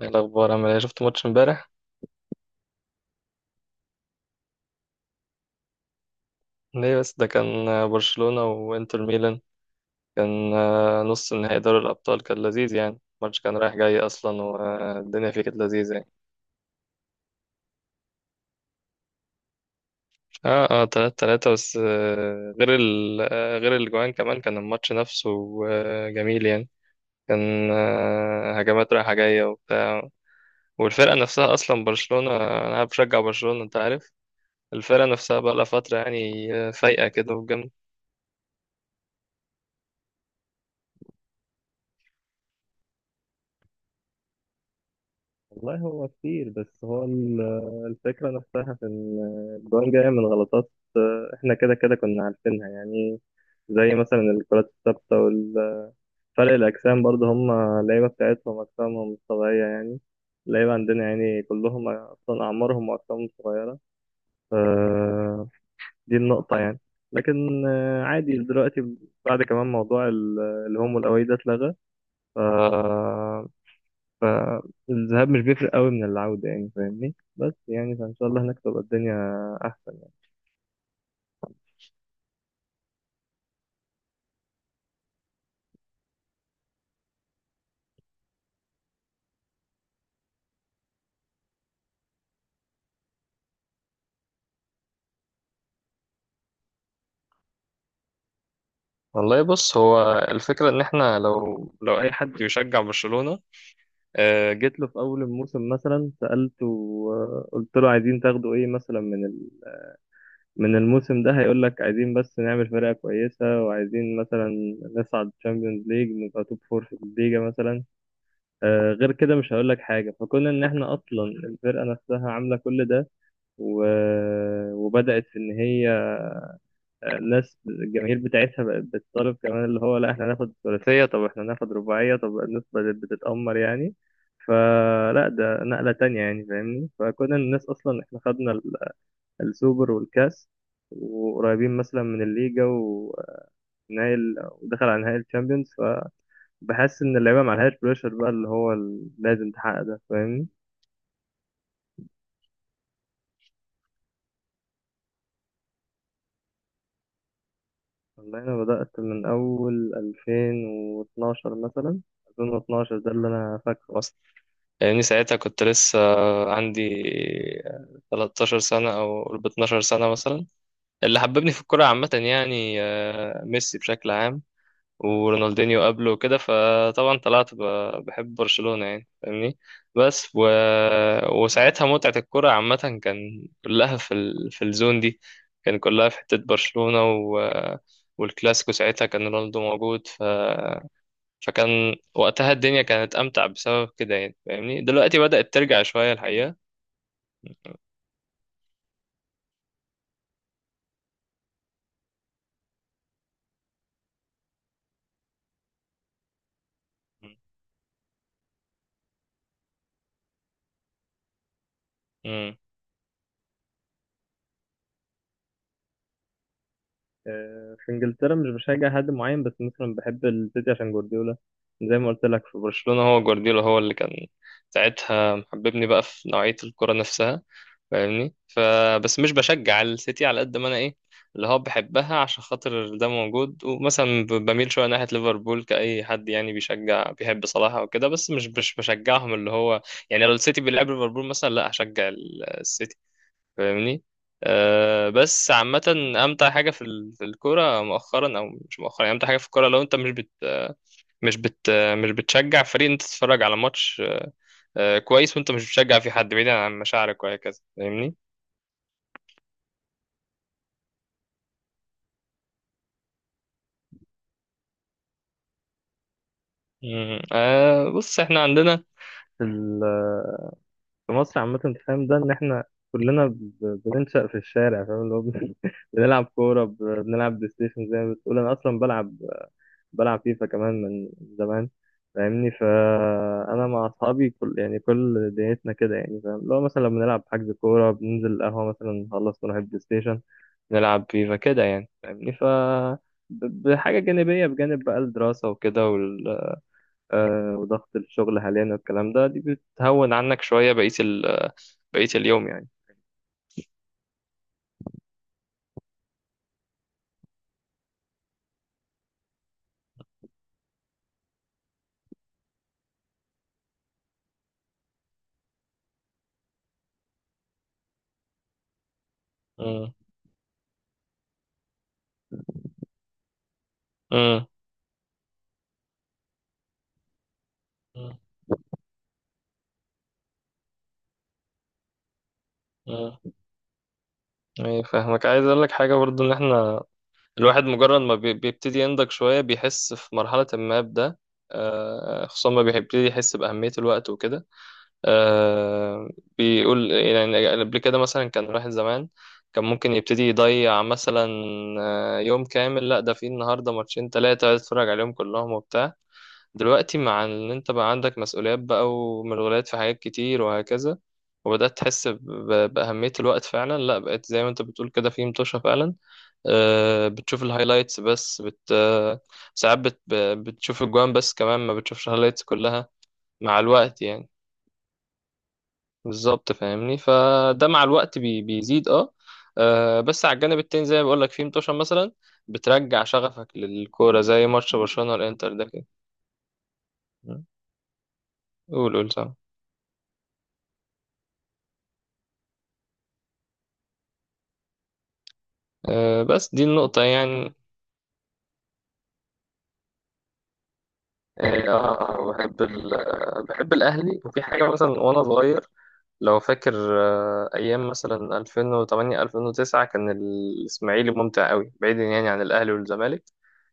إيه الأخبار؟ عامل إيه؟ شفت ماتش امبارح؟ ليه بس؟ ده كان برشلونة وإنتر ميلان. كان نص نهائي دوري الأبطال، كان لذيذ يعني. الماتش كان رايح جاي أصلا والدنيا فيه كانت لذيذة يعني. اه اه، تلاتة تلاتة. بس غير ال آه، غير الجوان كمان، كان الماتش نفسه جميل يعني. كان هجمات رايحة جاية وبتاع. والفرقة نفسها أصلا برشلونة، أنا بشجع برشلونة أنت عارف. الفرقة نفسها بقى لها فترة يعني فايقة كده. والله هو كتير، بس هو الفكرة نفسها في إن الجوان جاية من غلطات. إحنا كده كده كنا عارفينها يعني. زي مثلا الكرات الثابتة وفرق الأجسام برضه، هم اللعيبة بتاعتهم أجسامهم مش طبيعية يعني. اللعيبة عندنا يعني كلهم أصلا أعمارهم وأجسامهم صغيرة. ف- دي النقطة يعني. لكن عادي دلوقتي بعد كمان موضوع الهوم والأوي ده اتلغى. ف فالذهاب مش بيفرق قوي من العودة يعني، فاهمني؟ بس يعني فإن شاء الله هناك تبقى الدنيا أحسن. والله بص، هو الفكرة إن إحنا، لو أي حد يشجع برشلونة جيت له في أول الموسم مثلا سألته، قلت له عايزين تاخدوا إيه مثلا من من الموسم ده، هيقول لك عايزين بس نعمل فرقة كويسة، وعايزين مثلا نصعد تشامبيونز ليج، نبقى توب فور في الليجا مثلا. غير كده مش هقول لك حاجة. فكون إن إحنا أصلا الفرقة نفسها عاملة كل ده و... وبدأت إن هي الناس، الجماهير بتاعتها بقت بتطالب كمان، اللي هو لا احنا هناخد ثلاثية، طب احنا هناخد رباعية، طب الناس بدأت بتتأمر يعني. فلا ده نقلة تانية يعني، فاهمني؟ فكنا الناس أصلا، احنا خدنا السوبر والكاس، وقريبين مثلا من الليجا، ونهائي ودخل على نهائي الشامبيونز. فبحس إن اللعيبة ما عليهاش بريشر بقى، اللي هو لازم تحقق ده، فاهمني؟ والله أنا بدأت من أول 2012 مثلا. 2012 ده اللي أنا فاكره أصلا، لأني ساعتها كنت لسه عندي 13 سنة أو قرب 12 سنة مثلا. اللي حببني في الكورة عامة يعني ميسي بشكل عام، ورونالدينيو قبله وكده. فطبعا طلعت بحب برشلونة يعني، فاهمني؟ بس و... وساعتها متعة الكرة عامة كان كلها في الزون دي، كان كلها في حتة برشلونة والكلاسيكو ساعتها كان رونالدو موجود فكان وقتها الدنيا كانت أمتع بسبب كده يعني، فاهمني؟ دلوقتي بدأت ترجع شوية الحقيقة. في انجلترا مش بشجع حد معين، بس مثلا بحب السيتي عشان جوارديولا. زي ما قلت لك في برشلونة، هو جوارديولا هو اللي كان ساعتها محببني بقى في نوعية الكرة نفسها، فاهمني؟ فبس مش بشجع السيتي على قد ما انا ايه، اللي هو بحبها عشان خاطر ده موجود. ومثلا بميل شويه ناحيه ليفربول كأي حد يعني بيشجع، بيحب صلاح او كده. بس مش بشجعهم اللي هو، يعني لو السيتي بيلعب ليفربول مثلا، لا هشجع السيتي، فاهمني؟ أه بس عامة، أمتع حاجة في في الكورة مؤخرا، أو مش مؤخرا يعني، أمتع حاجة في الكورة لو أنت مش بت مش بتشجع فريق، أنت تتفرج على ماتش أه كويس، وأنت مش بتشجع في حد، بعيدا عن مشاعرك وهكذا، فاهمني؟ مم. أه بص، إحنا عندنا في في مصر عامة، أنت فاهم ده، إن إحنا كلنا بننشأ في الشارع، فاهم؟ اللي هو بن- بنلعب كورة، بنلعب بلاي ستيشن. زي ما بتقول أنا أصلا بلعب، بلعب فيفا كمان من زمان، فاهمني؟ فأنا مع أصحابي كل يعني كل دنيتنا كده يعني، فاهم؟ لو مثلا لما نلعب حجز كورة، بننزل القهوة مثلا، نخلص نروح البلاي ستيشن، نلعب فيفا كده يعني، فاهمني؟ بحاجة جانبية بجانب بقى الدراسة وكده وضغط الشغل حاليا والكلام ده، دي بتهون عنك شوية بقية بقية اليوم يعني. امم. امم. امم. ايه، فاهمك، عايز اقول لك حاجة برضو، ان احنا الواحد مجرد ما بيبتدي ينضج شوية، بيحس في مرحلة ما بده خصوصا ما بيبتدي يحس بأهمية الوقت وكده. آه، بيقول يعني قبل كده مثلا، كان الواحد زمان كان ممكن يبتدي يضيع مثلا يوم كامل، لا ده في النهاردة ماتشين تلاتة عايز اتفرج عليهم كلهم وبتاع. دلوقتي مع ان انت بقى عندك مسؤوليات بقى، ومشغولات في حاجات كتير وهكذا، وبدأت تحس بأهمية الوقت فعلا. لا بقيت زي ما انت بتقول كده في متوشة فعلا، بتشوف الهايلايتس، بس بت آه، ساعات بتشوف الجوان بس كمان، ما بتشوفش الهايلايتس كلها مع الوقت يعني. بالظبط فاهمني، فده مع الوقت بيزيد اه. بس على الجانب التاني زي ما بقول لك، في متوشة مثلا بترجع شغفك للكورة، زي ماتش برشلونة والانتر ده كده. قول قول سام. بس دي النقطة يعني. يعني اه، بحب الاهلي. وفي حاجه مثلا وانا صغير لو فاكر، ايام مثلا 2008 2009 كان الاسماعيلي ممتع قوي، بعيدا يعني عن الاهلي والزمالك.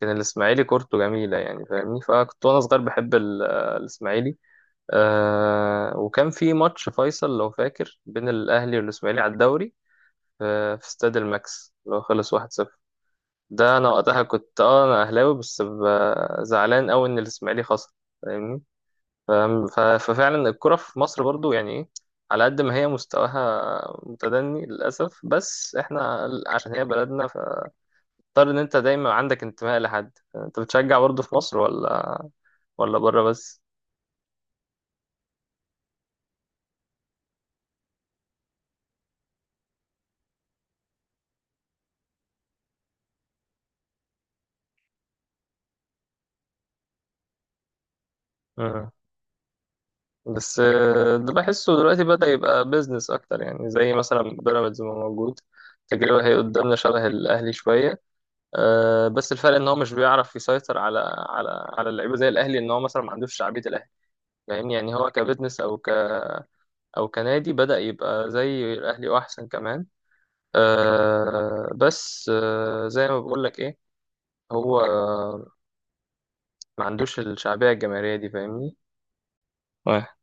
كان الاسماعيلي كورته جميله يعني، فاهمني؟ فكنت وانا صغير بحب الاسماعيلي. آه، وكان في ماتش فيصل لو فاكر بين الاهلي والاسماعيلي على الدوري، في استاد الماكس لو، خلص 1-0. ده انا وقتها كنت اه، انا اهلاوي، بس زعلان قوي ان الاسماعيلي خسر، فاهمني؟ فاهم؟ ففعلا الكرة في مصر برضو يعني ايه، على قد ما هي مستواها متدني للأسف، بس احنا عشان هي بلدنا فاضطر. ان انت دايما عندك انتماء لحد، انت بتشجع برضو في مصر، ولا ولا بره بس؟ مم. بس ده بحسه دلوقتي بدأ يبقى بيزنس اكتر يعني، زي مثلا بيراميدز ما موجود. تجربة هي قدامنا شبه الأهلي شوية. أه بس الفرق إن هو مش بيعرف يسيطر على، على على اللعيبة زي الأهلي، إن هو مثلا ما عندوش شعبية الأهلي، فاهمني؟ يعني هو كبزنس، أو ك او كنادي، بدأ يبقى زي الاهلي واحسن كمان. آه بس آه زي ما بقول لك ايه، هو آه ما عندوش الشعبية الجماهيرية دي، فاهمني؟ آه.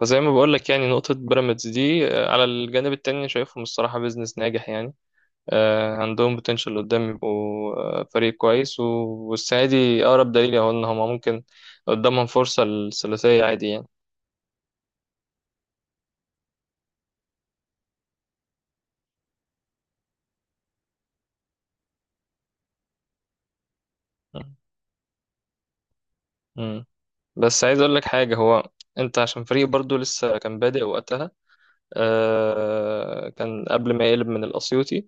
فزي ما بقول لك يعني، نقطة بيراميدز دي على الجانب التاني، أنا شايفهم الصراحة بيزنس ناجح يعني. عندهم بوتنشال قدام يبقوا فريق كويس والسنة دي أقرب دليل أهو، إن هما ممكن قدامهم فرصة الثلاثية عادي يعني. مم. بس عايز أقول لك حاجة، هو أنت عشان فريق برضو لسه كان بادئ وقتها، كان قبل ما يقلب من الأسيوطي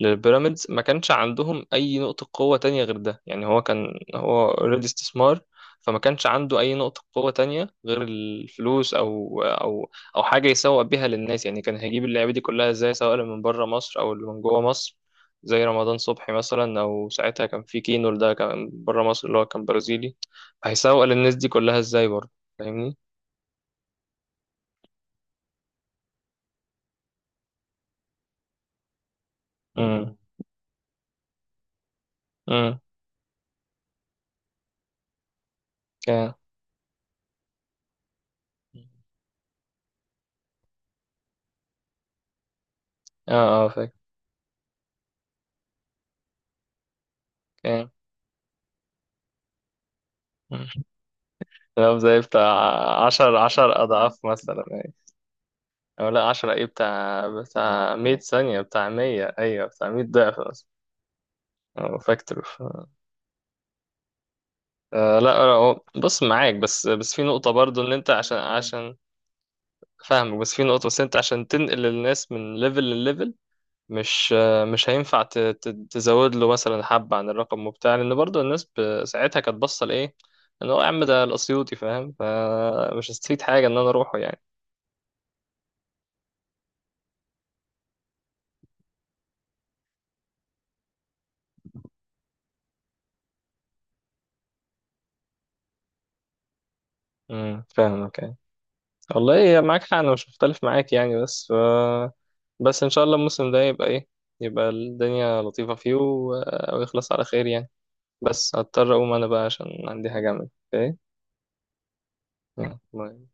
للبيراميدز، ما كانش عندهم أي نقطة قوة تانية غير ده يعني. هو كان هو اوريدي استثمار، فما كانش عنده أي نقطة قوة تانية غير الفلوس أو حاجة يسوق بيها للناس يعني. كان هيجيب اللعيبة دي كلها إزاي، سواء اللي من بره مصر أو اللي من جوه مصر، زي رمضان صبحي مثلا، أو ساعتها كان في كينور ده كان بره مصر اللي هو كان برازيلي، هيسوق للناس دي كلها إزاي برضه، فاهمني؟ امم. امم. كان اه. اه فاكر. كام؟ كلام زي بتاع عشر، عشر أضعاف مثلا يعني. أو لا، عشرة إيه، بتاع بتاع مية، ثانية، بتاع مية، أيوة بتاع مية ضعف مثلا. أو فاكتور لا لا، بص معاك، بس في نقطة برضو، إن أنت عشان فاهمك، بس في نقطة، بس أنت عشان تنقل الناس من ليفل لليفل، مش مش هينفع تزود له مثلا حبة عن الرقم وبتاع. لأن برضو الناس ساعتها كانت باصة لإيه؟ إن هو يا عم ده الأسيوطي، فاهم؟ فمش هستفيد حاجة إن أنا أروحه يعني. امم، فاهمك يعني. والله إيه، معاك حق، انا مش مختلف معاك يعني. بس ان شاء الله الموسم ده يبقى ايه، يبقى الدنيا لطيفة فيه ويخلص على خير يعني. بس هضطر اقوم انا بقى عشان عندي حاجة اعمل. اوكي. يلا، باي.